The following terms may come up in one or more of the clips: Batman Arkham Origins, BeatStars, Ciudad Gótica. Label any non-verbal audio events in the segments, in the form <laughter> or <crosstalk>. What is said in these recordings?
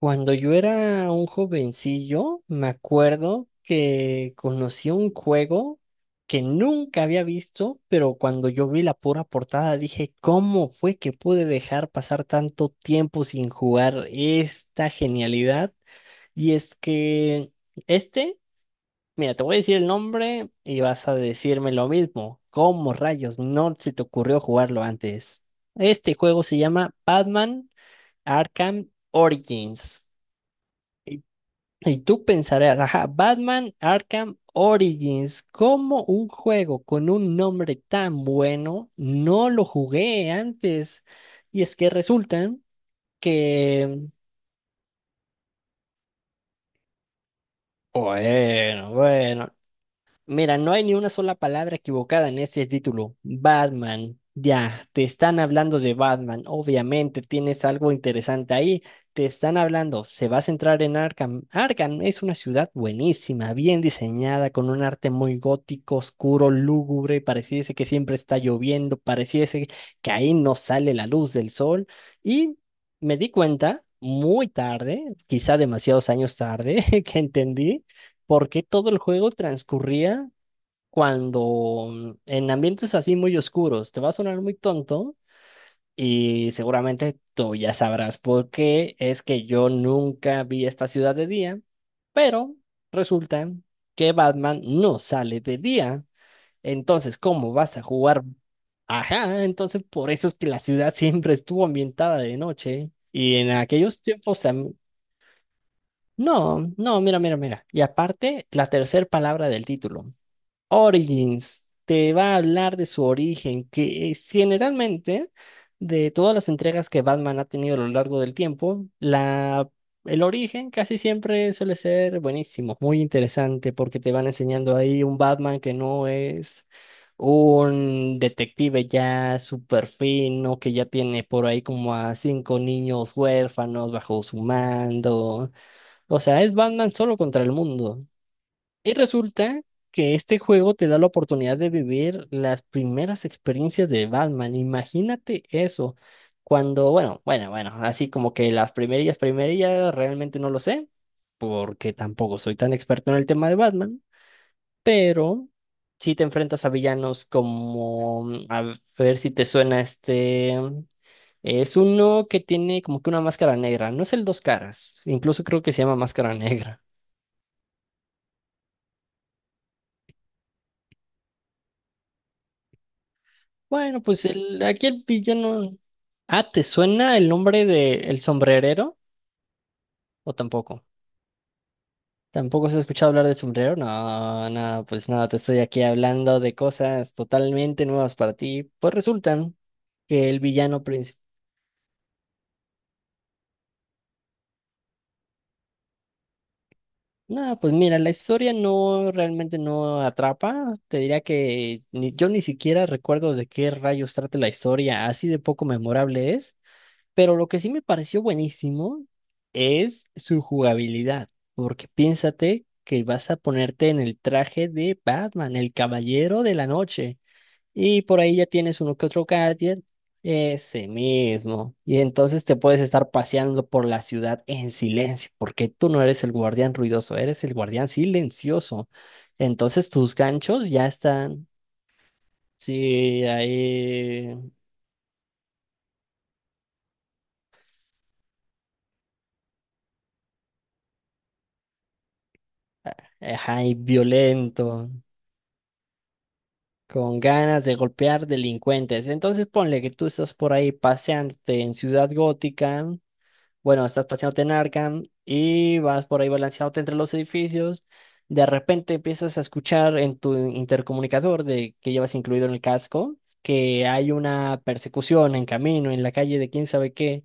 Cuando yo era un jovencillo, me acuerdo que conocí un juego que nunca había visto, pero cuando yo vi la pura portada dije, ¿cómo fue que pude dejar pasar tanto tiempo sin jugar esta genialidad? Y es que este, mira, te voy a decir el nombre y vas a decirme lo mismo. ¿Cómo rayos no se te ocurrió jugarlo antes? Este juego se llama Batman Arkham Origins. Y tú pensarás, ajá, Batman Arkham Origins, ¿cómo un juego con un nombre tan bueno no lo jugué antes? Y es que resulta que, bueno, bueno, mira, no hay ni una sola palabra equivocada en ese título. Batman, ya, te están hablando de Batman. Obviamente tienes algo interesante ahí. Te están hablando, se va a centrar en Arkham. Arkham es una ciudad buenísima, bien diseñada, con un arte muy gótico, oscuro, lúgubre. Pareciese que siempre está lloviendo, pareciese que ahí no sale la luz del sol. Y me di cuenta muy tarde, quizá demasiados años tarde, <laughs> que entendí por qué todo el juego transcurría cuando en ambientes así muy oscuros te va a sonar muy tonto y seguramente tú ya sabrás por qué es que yo nunca vi esta ciudad de día, pero resulta que Batman no sale de día. Entonces, ¿cómo vas a jugar? Ajá, entonces por eso es que la ciudad siempre estuvo ambientada de noche y en aquellos tiempos... No, no, mira, mira, mira. Y aparte, la tercera palabra del título. Origins te va a hablar de su origen, que es generalmente de todas las entregas que Batman ha tenido a lo largo del tiempo, el origen casi siempre suele ser buenísimo, muy interesante, porque te van enseñando ahí un Batman que no es un detective ya súper fino, que ya tiene por ahí como a cinco niños huérfanos bajo su mando. O sea, es Batman solo contra el mundo. Y resulta que este juego te da la oportunidad de vivir las primeras experiencias de Batman. Imagínate eso. Cuando, bueno, bueno, bueno, así como que las primerillas, primerillas, realmente no lo sé, porque tampoco soy tan experto en el tema de Batman, pero si te enfrentas a villanos como, a ver si te suena este, es uno que tiene como que una máscara negra, no es el Dos Caras, incluso creo que se llama Máscara Negra. Bueno, pues el, aquí el villano. Ah, ¿te suena el nombre de El Sombrerero? ¿O tampoco? ¿Tampoco se ha escuchado hablar del sombrero? No, no, pues no, te estoy aquí hablando de cosas totalmente nuevas para ti. Pues resultan que el villano principal. No, pues mira, la historia no realmente no atrapa. Te diría que yo ni siquiera recuerdo de qué rayos trata la historia, así de poco memorable es. Pero lo que sí me pareció buenísimo es su jugabilidad, porque piénsate que vas a ponerte en el traje de Batman, el Caballero de la Noche, y por ahí ya tienes uno que otro gadget, ese mismo, y entonces te puedes estar paseando por la ciudad en silencio, porque tú no eres el guardián ruidoso, eres el guardián silencioso. Entonces tus ganchos ya están, sí, ahí, ajá, y violento. Con ganas de golpear delincuentes. Entonces ponle que tú estás por ahí paseándote en Ciudad Gótica, bueno, estás paseándote en Arkham y vas por ahí balanceándote entre los edificios. De repente empiezas a escuchar en tu intercomunicador de que llevas incluido en el casco que hay una persecución en camino, en la calle de quién sabe qué.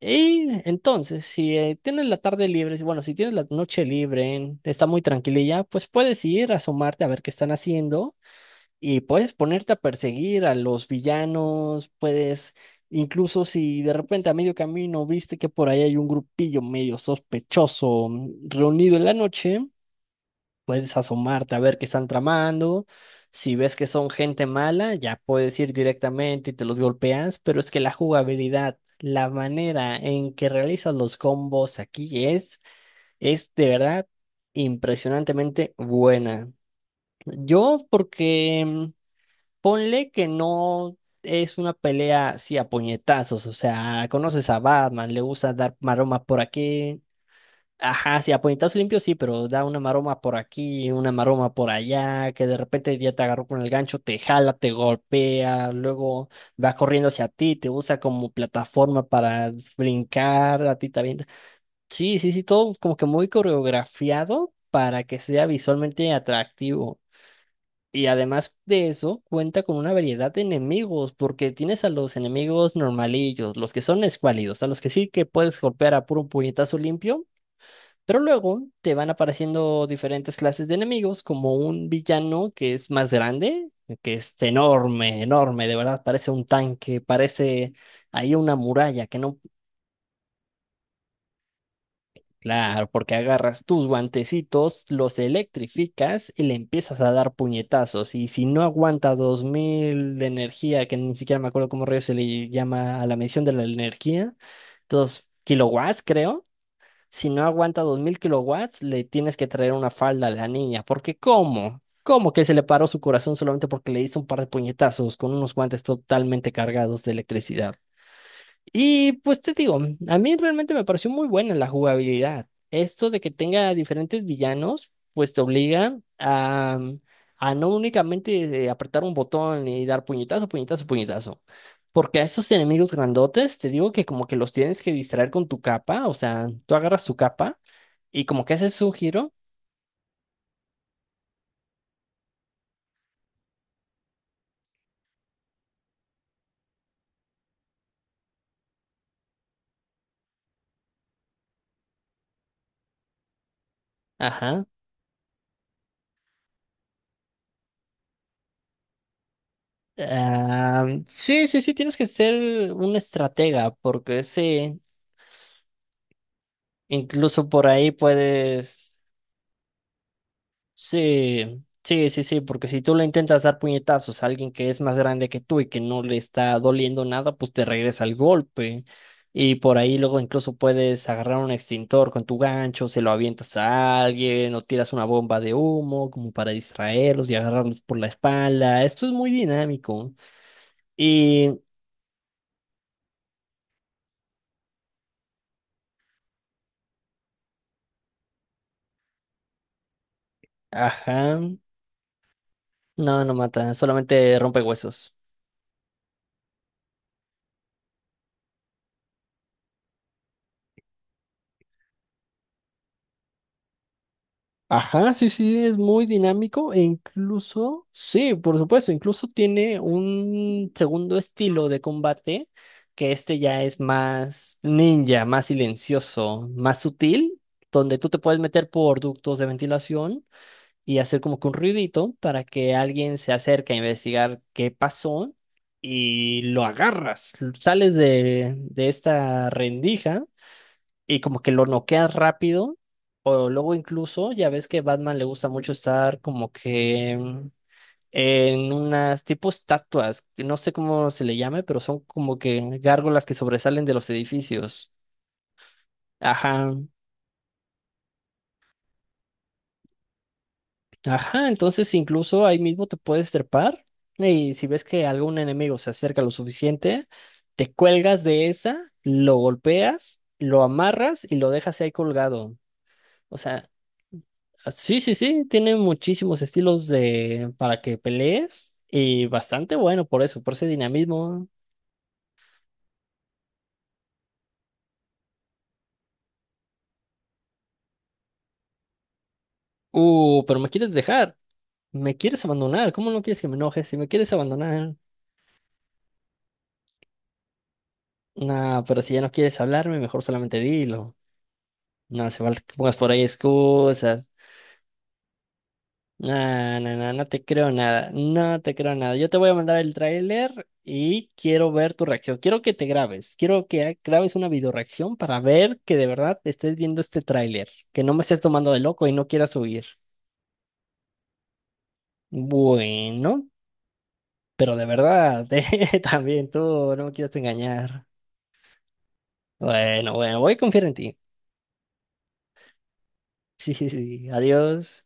Y entonces, si tienes la tarde libre, bueno, si tienes la noche libre, está muy tranquililla, pues puedes ir a asomarte a ver qué están haciendo y puedes ponerte a perseguir a los villanos, puedes, incluso si de repente a medio camino viste que por ahí hay un grupillo medio sospechoso reunido en la noche, puedes asomarte a ver qué están tramando. Si ves que son gente mala, ya puedes ir directamente y te los golpeas, pero es que la jugabilidad, la manera en que realizas los combos aquí es de verdad impresionantemente buena. Yo porque... Ponle que no es una pelea así a puñetazos, o sea, conoces a Batman, le gusta dar maromas por aquí. Ajá, sí, a puñetazos limpios sí, pero da una maroma por aquí, una maroma por allá, que de repente ya te agarró con el gancho, te jala, te golpea, luego va corriendo hacia ti, te usa como plataforma para brincar, a ti también. Sí, sí, sí, todo como que muy coreografiado para que sea visualmente atractivo. Y además de eso, cuenta con una variedad de enemigos, porque tienes a los enemigos normalillos, los que son escuálidos, a los que sí que puedes golpear a puro puñetazo limpio, pero luego te van apareciendo diferentes clases de enemigos, como un villano que es más grande, que es enorme, enorme, de verdad, parece un tanque, parece ahí una muralla que no. Claro, porque agarras tus guantecitos, los electrificas y le empiezas a dar puñetazos. Y si no aguanta 2.000 de energía, que ni siquiera me acuerdo cómo rayos se le llama a la medición de la energía, 2 kilowatts, creo. Si no aguanta 2.000 kilowatts, le tienes que traer una falda a la niña. Porque, ¿cómo? ¿Cómo que se le paró su corazón solamente porque le hizo un par de puñetazos con unos guantes totalmente cargados de electricidad? Y pues te digo, a mí realmente me pareció muy buena la jugabilidad. Esto de que tenga diferentes villanos, pues te obliga a no únicamente apretar un botón y dar puñetazo, puñetazo, puñetazo. Porque a esos enemigos grandotes, te digo que como que los tienes que distraer con tu capa, o sea, tú agarras tu capa y como que haces un giro. Ajá. Ah, sí, sí, sí, tienes que ser un estratega, porque ese, incluso por ahí puedes. Sí, sí, sí, sí, porque si tú le intentas dar puñetazos a alguien que es más grande que tú y que no le está doliendo nada, pues te regresa el golpe. Y por ahí luego incluso puedes agarrar un extintor con tu gancho, se lo avientas a alguien o tiras una bomba de humo como para distraerlos y agarrarlos por la espalda. Esto es muy dinámico. Y, ajá, no, no mata, solamente rompe huesos. Ajá, sí, sí, es muy dinámico e incluso, sí, por supuesto, incluso tiene un segundo estilo de combate que este ya es más ninja, más silencioso, más sutil, donde tú te puedes meter por ductos de ventilación y hacer como que un ruidito para que alguien se acerque a investigar qué pasó y lo agarras, sales de esta rendija y como que lo noqueas rápido, o luego incluso, ya ves que Batman le gusta mucho estar como que en unas tipo estatuas, que no sé cómo se le llame, pero son como que gárgolas que sobresalen de los edificios. Ajá, ajá, entonces incluso ahí mismo te puedes trepar y si ves que algún enemigo se acerca lo suficiente, te cuelgas de esa, lo golpeas, lo amarras y lo dejas ahí colgado. O sea, ah, sí, sí, sí, tiene muchísimos estilos de para que pelees y bastante bueno por eso, por ese dinamismo. Pero me quieres dejar, me quieres abandonar, ¿cómo no quieres que me enoje? Si me quieres abandonar, nah, pero si ya no quieres hablarme, mejor solamente dilo. No hace falta que pongas por ahí excusas. No, no, no, no te creo nada, no te creo nada. Yo te voy a mandar el tráiler y quiero ver tu reacción. Quiero que te grabes, quiero que grabes una videoreacción para ver que de verdad estés viendo este tráiler, que no me estés tomando de loco y no quieras huir. Bueno, pero de verdad, <laughs> también tú no me quieras engañar. Bueno, bueno, voy a confiar en ti. <laughs> Sí, sí, sí, adiós.